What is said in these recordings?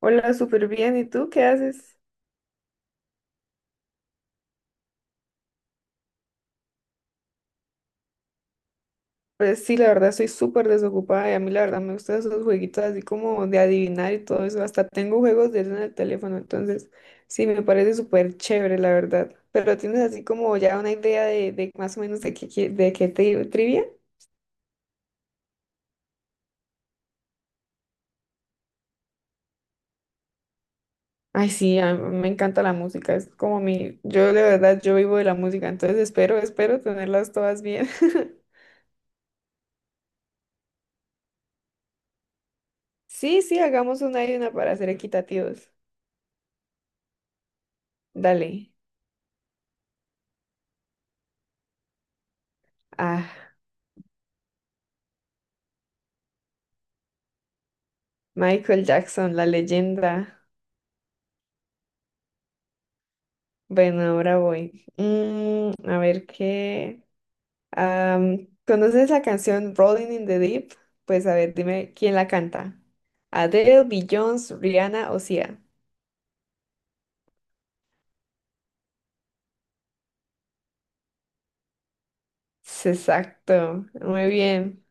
Hola, súper bien. ¿Y tú qué haces? Pues sí, la verdad estoy súper desocupada y a mí la verdad me gustan esos jueguitos así como de adivinar y todo eso. Hasta tengo juegos de eso en el teléfono, entonces sí, me parece súper chévere, la verdad. Pero tienes así como ya una idea de más o menos de qué, de qué te trivia. Ay, sí, a mí me encanta la música, es como mi, yo de verdad, yo vivo de la música, entonces espero tenerlas todas bien. Sí, sí, hagamos una y una para ser equitativos. Dale. Ah. Michael Jackson, la leyenda. Bueno, ahora voy. Mm, a ver qué. Am, ¿Conoces la canción Rolling in the Deep? Pues a ver, dime quién la canta. Adele, Beyoncé, Rihanna o Sia. Es Exacto, muy bien.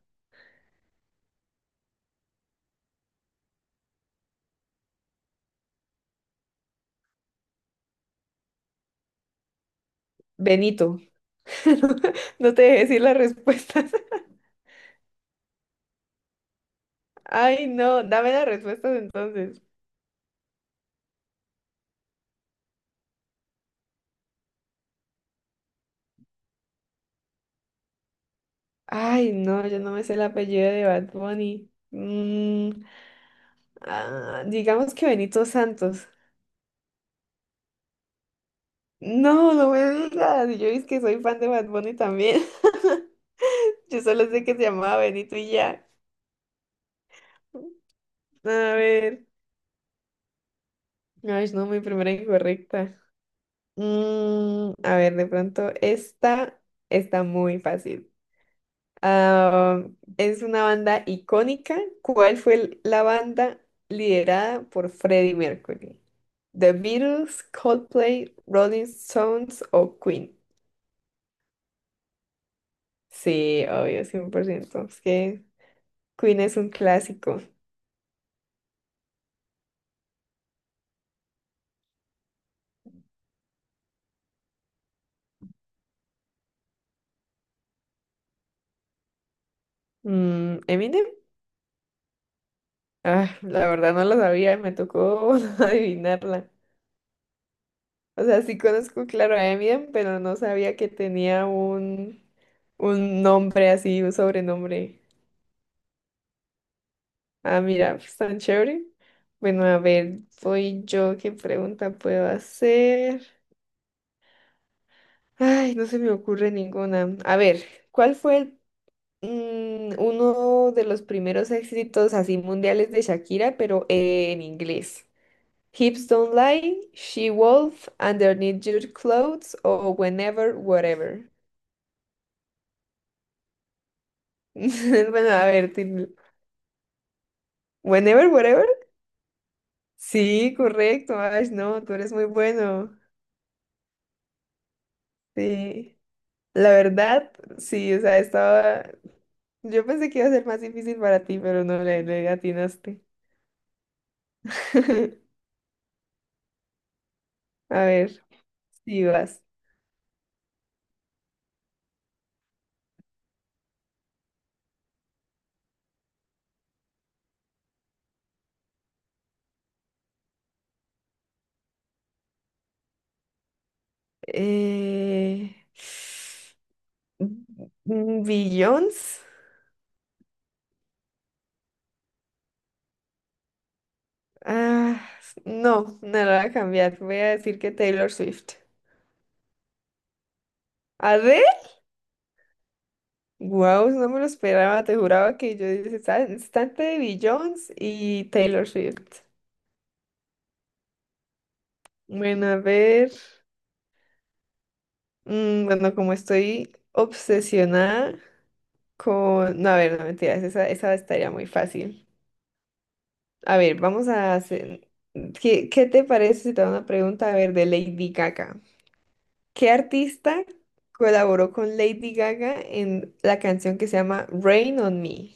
Benito. No te dejé decir las respuestas. Ay, no, dame las respuestas entonces. Ay, no, yo no me sé el apellido de Bad Bunny. Digamos que Benito Santos. No, no me digas. Yo es que soy fan de Bad Bunny también. Yo solo sé que se llamaba Benito y ya. A ver. Ay, no, mi primera incorrecta. Mm, a ver, de pronto esta está muy fácil. Ah, es una banda icónica. ¿Cuál fue la banda liderada por Freddie Mercury? ¿The Beatles, Coldplay, Rolling Stones o Queen? Sí, obvio, 100%. Es que Queen es un clásico. Mm, Eminem, la verdad no lo sabía, me tocó adivinarla. O sea, sí conozco, claro, a Eminem, pero no sabía que tenía un nombre así, un sobrenombre. Ah, mira, pues, tan chévere. Bueno, a ver, soy yo, ¿qué pregunta puedo hacer? Ay, no se me ocurre ninguna. A ver, ¿cuál fue uno de los primeros éxitos así mundiales de Shakira, pero en inglés? Hips don't lie, she wolf, underneath your clothes, o whenever, whatever. Bueno, a ver, whenever, whatever. Sí, correcto, Ash, no, tú eres muy bueno. Sí, la verdad, sí, o sea, estaba. Yo pensé que iba a ser más difícil para ti, pero no le atinaste. A ver, sí vas. Eh... Billions. Ah, no, no lo voy a cambiar. Voy a decir que Taylor Swift. ¿Arre? Wow, no me lo esperaba. Te juraba que yo dije, Está entre de Jones y Taylor Swift". Bueno, a ver. Bueno, como estoy obsesionada con. No, a ver, no mentiras. Esa estaría muy fácil. A ver, vamos a hacer. Qué te parece si te hago una pregunta, a ver, de Lady Gaga? ¿Qué artista colaboró con Lady Gaga en la canción que se llama Rain on Me?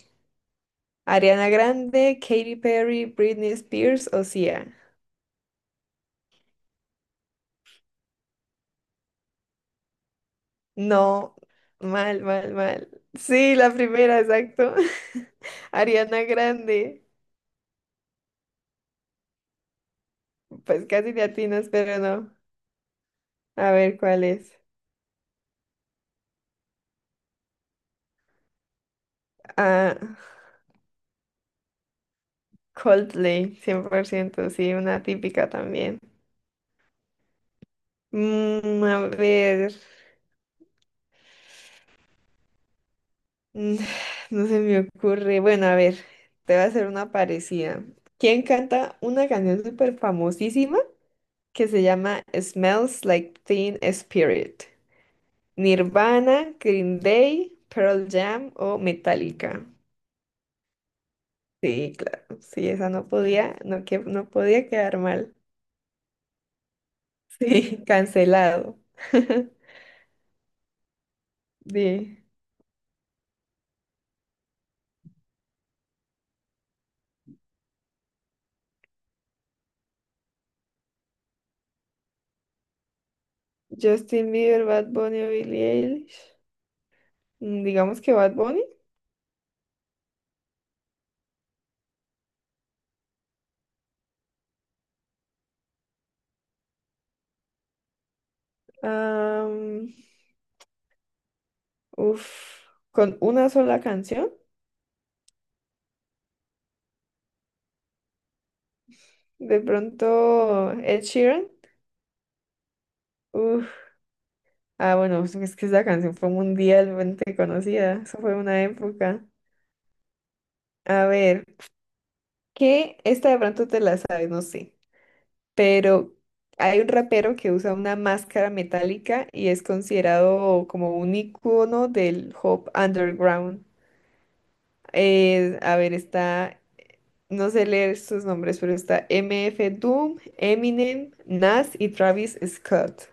Ariana Grande, Katy Perry, Britney Spears o Sia. No, mal, mal, mal. Sí, la primera, exacto. Ariana Grande. Pues casi te atinas, pero no. A ver cuál es. Ah, Coldplay, cien por ciento, sí, una típica también. Mm, a ver. Mm, No se me ocurre. Bueno, a ver, te voy a hacer una parecida. ¿Quién canta una canción súper famosísima que se llama Smells Like Teen Spirit? ¿Nirvana, Green Day, Pearl Jam o Metallica? Sí, claro. Sí, esa no podía, no, que, no podía quedar mal. Sí, cancelado. Sí. Justin Bieber, Bad Bunny o Billie Eilish. Digamos que Bad Bunny. Uf, con una sola canción, de pronto Ed Sheeran. Uf, bueno, es que esa canción fue mundialmente conocida, eso fue una época. A ver, que esta de pronto te la sabes, no sé, pero hay un rapero que usa una máscara metálica y es considerado como un icono del hop underground. A ver, está no sé leer sus nombres, pero está M F Doom, Eminem, Nas y Travis Scott.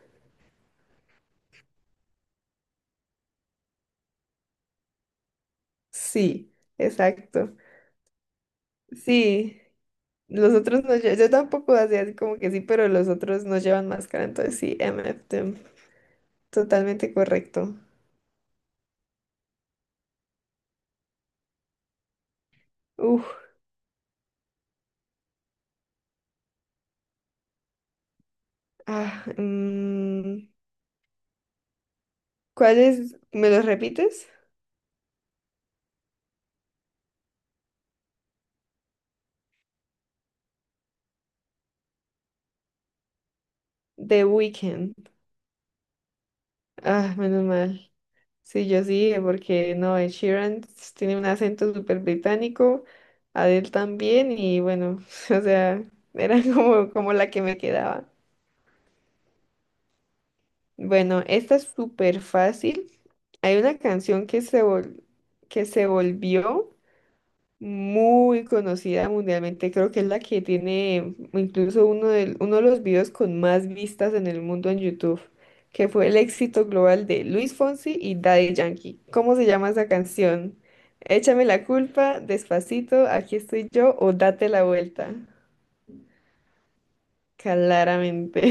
Sí, exacto. Sí, los otros no Yo tampoco hacía así como que sí, pero los otros no llevan máscara, entonces sí, MF them. Totalmente correcto. Uf, ah, mm, ¿cuáles? ¿Me los repites? The Weeknd. Ah, menos mal. Sí, yo sí, dije, porque no, Ed Sheeran tiene un acento súper británico, Adele también, y bueno, o sea, era como, como la que me quedaba. Bueno, esta es súper fácil. Hay una canción que se que se volvió muy conocida mundialmente. Creo que es la que tiene incluso uno de los videos con más vistas en el mundo en YouTube, que fue el éxito global de Luis Fonsi y Daddy Yankee. ¿Cómo se llama esa canción? Échame la culpa, Despacito, Aquí estoy yo o Date la vuelta. Claramente.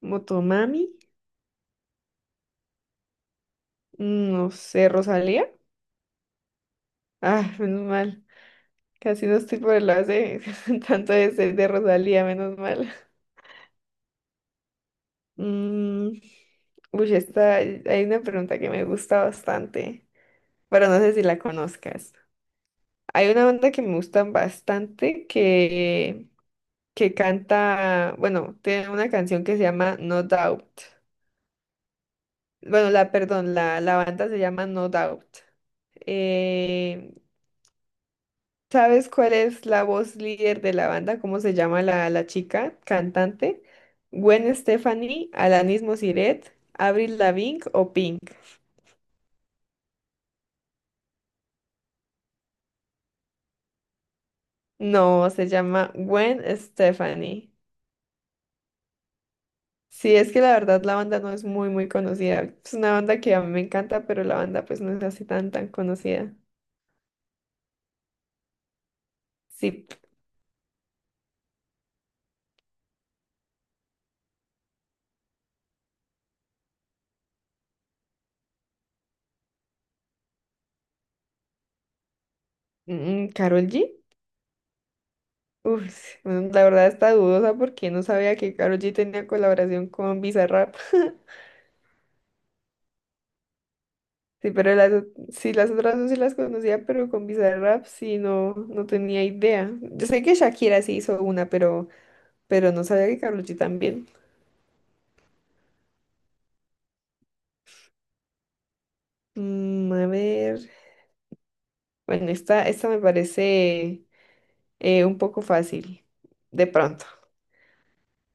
Motomami, no sé, Rosalía. Ah, menos mal. Casi no estoy por el lado de tanto de Rosalía, menos mal. Mm, Hay una pregunta que me gusta bastante, pero no sé si la conozcas. Hay una banda que me gustan bastante que canta, bueno, tiene una canción que se llama No Doubt. Bueno, la banda se llama No Doubt. Eh, ¿Sabes cuál es la voz líder de la banda? ¿Cómo se llama la chica cantante? ¿Gwen Stefani, Alanis Mosiret, Avril Lavigne o Pink? No, se llama Gwen Stefani. Sí, es que la verdad la banda no es muy, muy conocida. Es una banda que a mí me encanta, pero la banda pues no es así tan, tan conocida. Sí, ¿Karol G? Uf, bueno, la verdad está dudosa porque no sabía que Karol G tenía colaboración con Bizarrap. Sí, pero sí, las otras dos sí las conocía, pero con Bizarrap sí no, no tenía idea. Yo sé que Shakira sí hizo pero no sabía que Karol G también. Mm, a ver, bueno, esta me parece un poco fácil, de pronto.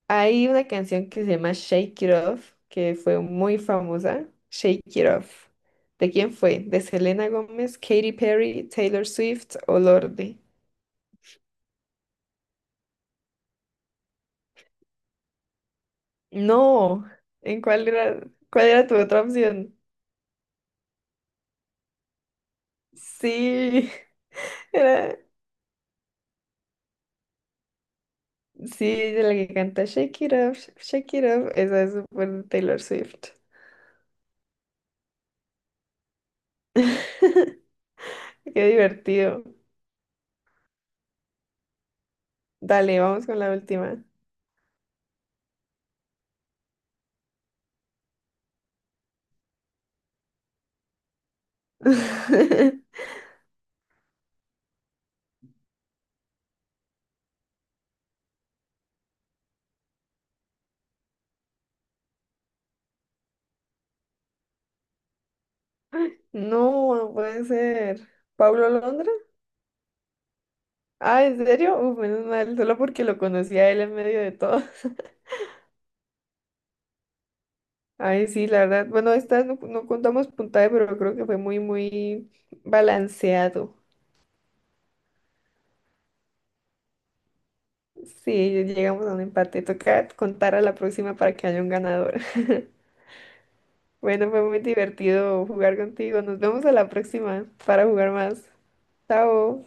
Hay una canción que se llama Shake It Off, que fue muy famosa. Shake It Off. ¿De quién fue? ¿De Selena Gómez, Katy Perry, Taylor Swift o Lorde? No, ¿en cuál cuál era tu otra opción? Sí, era, sí, ella es la que canta Shake It Up, Shake It Up, esa es súper de Taylor Swift. Qué divertido. Dale, vamos con la última. No, no puede ser. ¿Pablo Londra? Ah, ¿en serio? Uf, menos mal, solo porque lo conocí a él en medio de todo. Ay, sí, la verdad. Bueno, esta no, no contamos puntaje, pero creo que fue muy, muy balanceado. Sí, llegamos a un empate. Toca contar a la próxima para que haya un ganador. Bueno, fue muy divertido jugar contigo. Nos vemos a la próxima para jugar más. Chao.